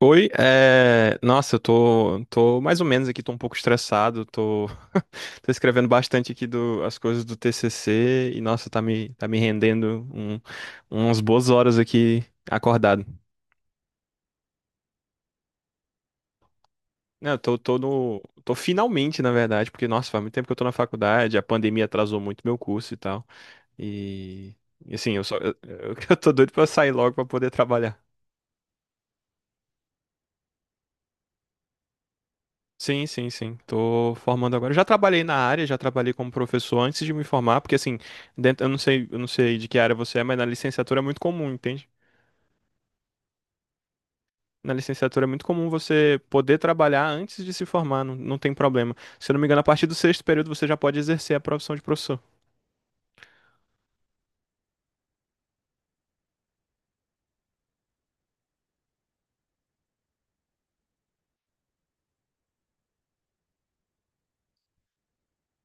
Oi, é, nossa, eu tô mais ou menos aqui, tô um pouco estressado, tô, tô escrevendo bastante aqui do, as coisas do TCC e, nossa, tá me rendendo umas boas horas aqui acordado. Não, eu tô, tô no, tô finalmente, na verdade, porque, nossa, faz muito tempo que eu tô na faculdade, a pandemia atrasou muito meu curso e tal, e, e assim, eu tô doido pra sair logo pra poder trabalhar. Sim, sim, sim. Tô formando agora. Já trabalhei na área, já trabalhei como professor antes de me formar, porque assim, dentro, eu não sei de que área você é, mas na licenciatura é muito comum, entende? Na licenciatura é muito comum você poder trabalhar antes de se formar, não tem problema. Se eu não me engano, a partir do sexto período você já pode exercer a profissão de professor.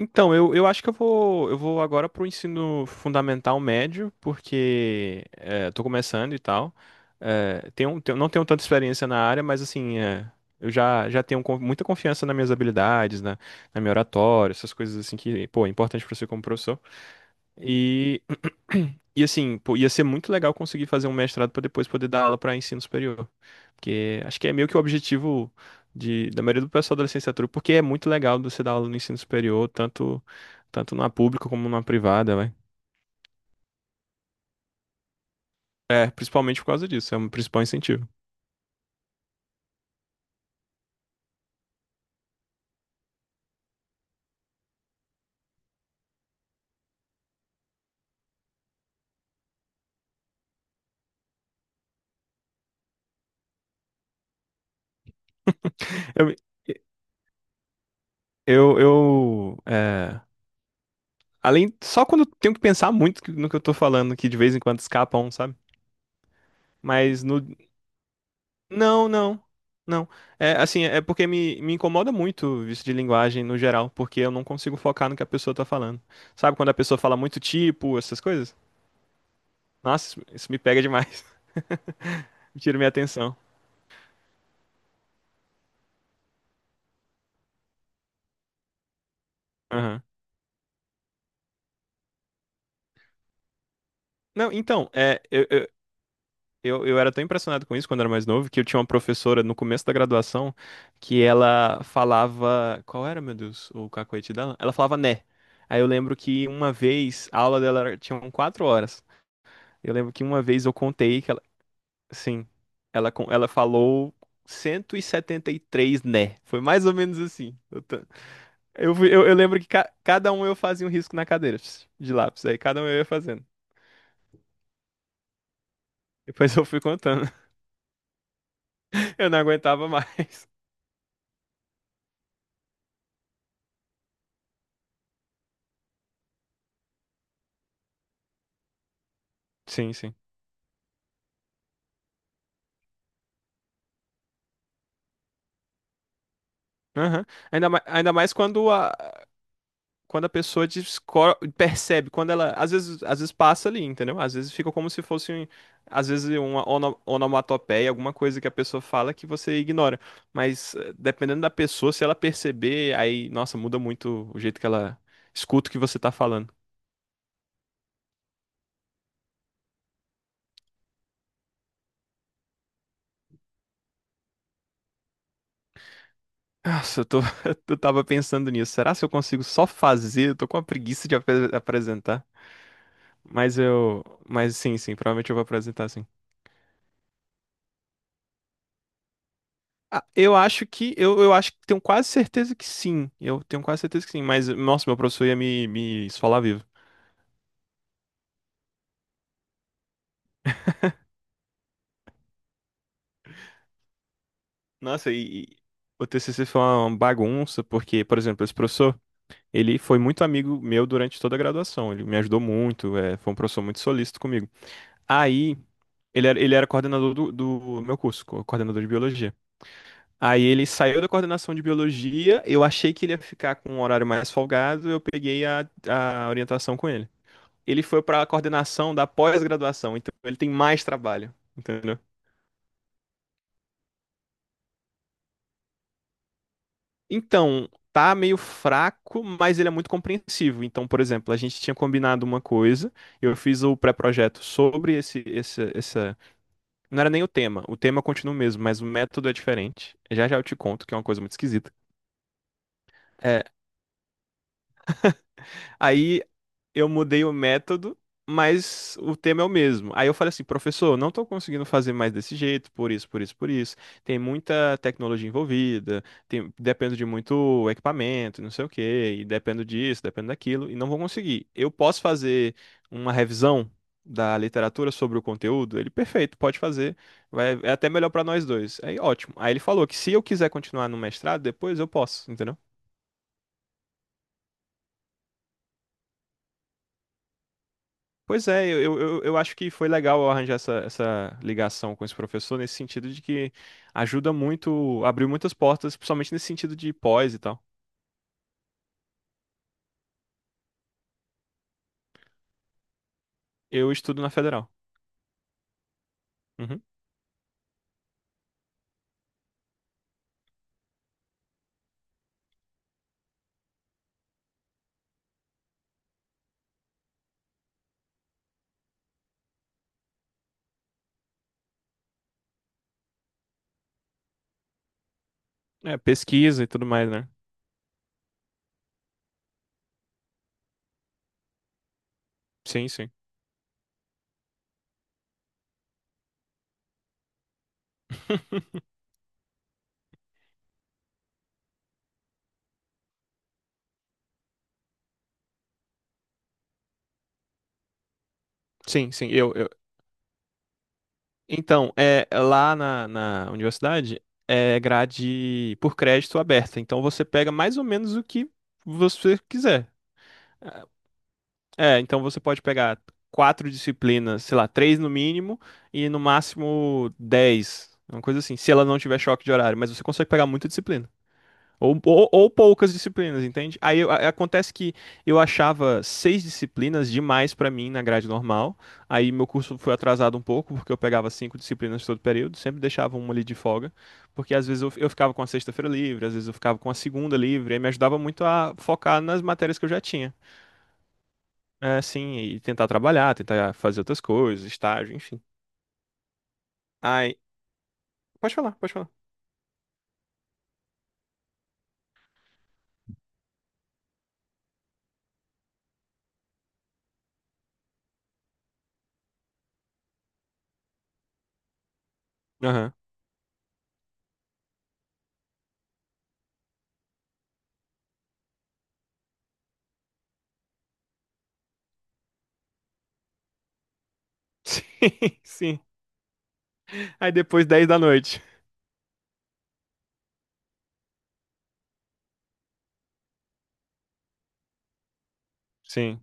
Então, eu acho que eu vou agora pro ensino fundamental médio, porque tô começando e tal. Não tenho tanta experiência na área, mas assim, eu já tenho muita confiança nas minhas habilidades, na minha oratória, essas coisas assim que, pô, é importante pra você como professor. E, e assim, pô, ia ser muito legal conseguir fazer um mestrado para depois poder dar aula para ensino superior. Porque acho que é meio que o objetivo da maioria do pessoal da licenciatura, porque é muito legal você dar aula no ensino superior, tanto na pública como na privada, vai. É, principalmente por causa disso, é um principal incentivo. Eu, eu, eu é, Só quando eu tenho que pensar muito no que eu tô falando, que de vez em quando escapa um, sabe? Mas no, Não, não. Não. É assim, é porque me incomoda muito o vício de linguagem no geral, porque eu não consigo focar no que a pessoa tá falando. Sabe quando a pessoa fala muito tipo, essas coisas? Nossa, isso me pega demais. Tira minha atenção. Aham. Não, então, eu era tão impressionado com isso quando era mais novo que eu tinha uma professora no começo da graduação que ela falava. Qual era, meu Deus, o cacoete dela? Ela falava né. Aí eu lembro que uma vez a aula dela tinha 4 horas. Eu lembro que uma vez eu contei que ela. Sim. Ela, ela falou cento e setenta e três né? Foi mais ou menos assim. Eu, tô- eu, fui- eu lembro que cada um eu fazia um risco na cadeira pss, de lápis. Aí cada um eu ia fazendo. Depois eu fui contando. Eu não aguentava mais. Sim, sim. Aham. Ainda mais quando a pessoa percebe, quando ela, às vezes passa ali, entendeu? Às vezes fica como se fosse, às vezes, uma onomatopeia, alguma coisa que a pessoa fala que você ignora. Mas dependendo da pessoa, se ela perceber, aí, nossa, muda muito o jeito que ela escuta o que você tá falando. Nossa, eu tava pensando nisso. Será se eu consigo só fazer? Eu tô com uma preguiça de apresentar. Mas eu, mas sim, sim, provavelmente eu vou apresentar sim. Ah, eu acho que eu acho que tenho quase certeza que sim. Eu tenho quase certeza que sim. Mas, nossa, meu professor ia me esfolar vivo. Nossa, e o TCC foi uma bagunça, porque, por exemplo, esse professor, ele foi muito amigo meu durante toda a graduação. Ele me ajudou muito, foi um professor muito solícito comigo. Aí, ele era coordenador do meu curso, coordenador de biologia. Aí ele saiu da coordenação de biologia, eu achei que ele ia ficar com um horário mais folgado, eu peguei a orientação com ele. Ele foi para a coordenação da pós-graduação, então ele tem mais trabalho, entendeu? Então, tá meio fraco, mas ele é muito compreensivo. Então, por exemplo, a gente tinha combinado uma coisa, eu fiz o pré-projeto sobre essa. Não era nem o tema, o tema continua o mesmo, mas o método é diferente. Já já eu te conto que é uma coisa muito esquisita. É, Aí eu mudei o método, mas o tema é o mesmo. Aí eu falei assim, professor, eu não estou conseguindo fazer mais desse jeito, por isso, por isso, por isso. Tem muita tecnologia envolvida, dependo de muito equipamento, não sei o quê, e dependo disso, dependo daquilo, e não vou conseguir. Eu posso fazer uma revisão da literatura sobre o conteúdo? Ele, perfeito, pode fazer. Vai, é até melhor para nós dois. Aí, ótimo. Aí ele falou que se eu quiser continuar no mestrado, depois eu posso, entendeu? Pois é, eu acho que foi legal eu arranjar essa ligação com esse professor, nesse sentido de que ajuda muito, abriu muitas portas, principalmente nesse sentido de pós e tal. Eu estudo na Federal. Uhum. É, pesquisa e tudo mais, né? Sim, sim. Sim, sim, Então, lá na universidade é grade por crédito aberta, então você pega mais ou menos o que você quiser. É, então você pode pegar quatro disciplinas, sei lá, três no mínimo e no máximo dez, uma coisa assim, se ela não tiver choque de horário, mas você consegue pegar muita disciplina. Ou poucas disciplinas, entende? Acontece que eu achava seis disciplinas demais pra mim na grade normal. Aí meu curso foi atrasado um pouco, porque eu pegava cinco disciplinas todo período, sempre deixava uma ali de folga, porque às vezes eu ficava com a sexta-feira livre, às vezes eu ficava com a segunda livre, aí me ajudava muito a focar nas matérias que eu já tinha. É, sim, e tentar trabalhar, tentar fazer outras coisas, estágio, enfim. Aí, pode falar, pode falar. Aham. Sim, sim. Aí depois 10 da noite. Sim.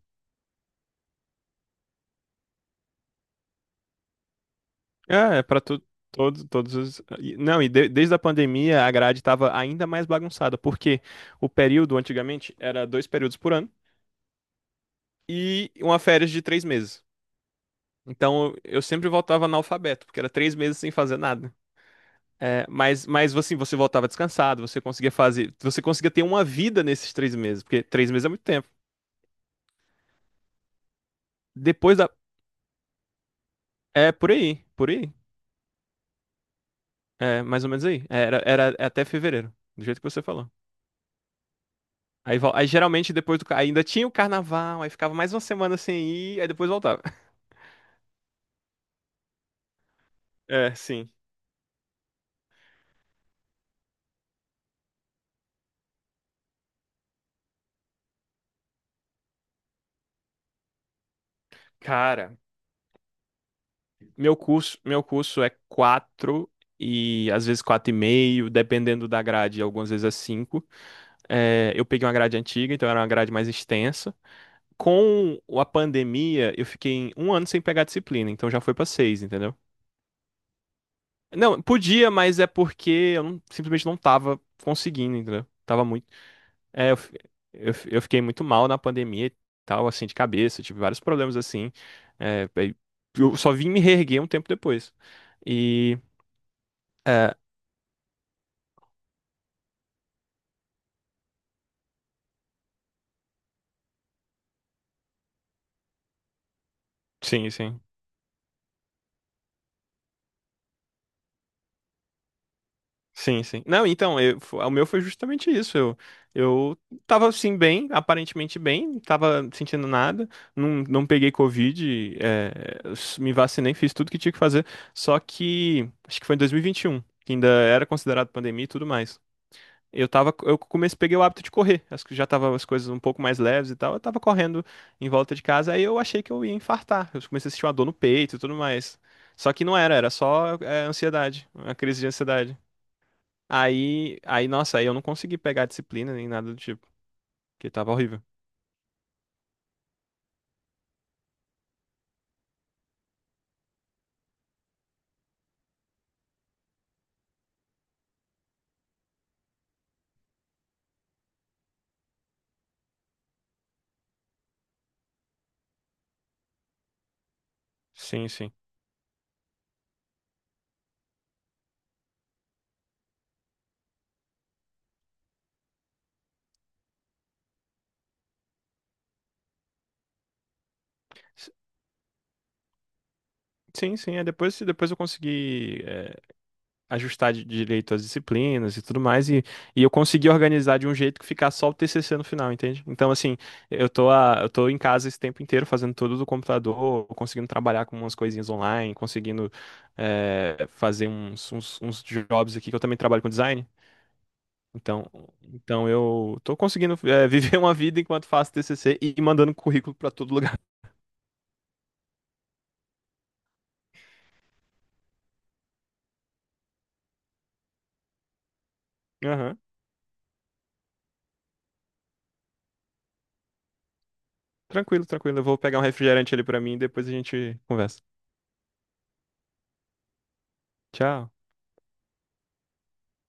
É pra tu. Todo, todos os. Não, desde a pandemia a grade estava ainda mais bagunçada, porque o período antigamente era dois períodos por ano e uma férias de 3 meses. Então eu sempre voltava analfabeto, porque era 3 meses sem fazer nada. É, mas assim, você voltava descansado, você conseguia fazer, você conseguia ter uma vida nesses 3 meses, porque 3 meses é muito tempo. Depois da, É por aí, é mais ou menos aí. Era até fevereiro, do jeito que você falou. Aí, aí geralmente depois ainda tinha o carnaval, aí ficava mais uma semana sem ir, aí depois voltava. É, sim. Cara, meu curso é quatro e às vezes quatro e meio, dependendo da grade, algumas vezes é cinco. É, eu peguei uma grade antiga, então era uma grade mais extensa. Com a pandemia, eu fiquei em um ano sem pegar disciplina, então já foi pra seis, entendeu? Não, podia, mas é porque eu não- simplesmente não tava conseguindo, entendeu? Tava muito. É, eu, fi- eu fiquei muito mal na pandemia e tal, assim, de cabeça, tive vários problemas assim. Aí eu só vim me reerguer um tempo depois. E. É, sim, sim. Sim, sim. Não, então, o meu foi justamente isso. Eu tava assim bem, aparentemente bem, não tava sentindo nada, não peguei Covid, me vacinei, fiz tudo que tinha que fazer. Só que acho que foi em 2021, que ainda era considerado pandemia e tudo mais. Eu comecei, peguei o hábito de correr. Acho que já tava as coisas um pouco mais leves e tal. Eu tava correndo em volta de casa, aí eu achei que eu ia infartar. Eu comecei a sentir uma dor no peito e tudo mais. Só que não era, era só, ansiedade, uma crise de ansiedade. Aí, nossa, aí eu não consegui pegar a disciplina nem nada do tipo, que tava horrível. Sim, sim. S- Sim, sim, depois eu consegui ajustar direito as disciplinas e tudo mais, e eu consegui organizar de um jeito que ficar só o TCC no final, entende? Então, assim, eu tô em casa esse tempo inteiro fazendo tudo do computador, conseguindo trabalhar com umas coisinhas online, conseguindo fazer uns jobs aqui, que eu também trabalho com design. Então, então eu tô conseguindo viver uma vida enquanto faço TCC e mandando currículo pra todo lugar. Aham. Tranquilo, tranquilo. Eu vou pegar um refrigerante ali pra mim e depois a gente conversa. Tchau.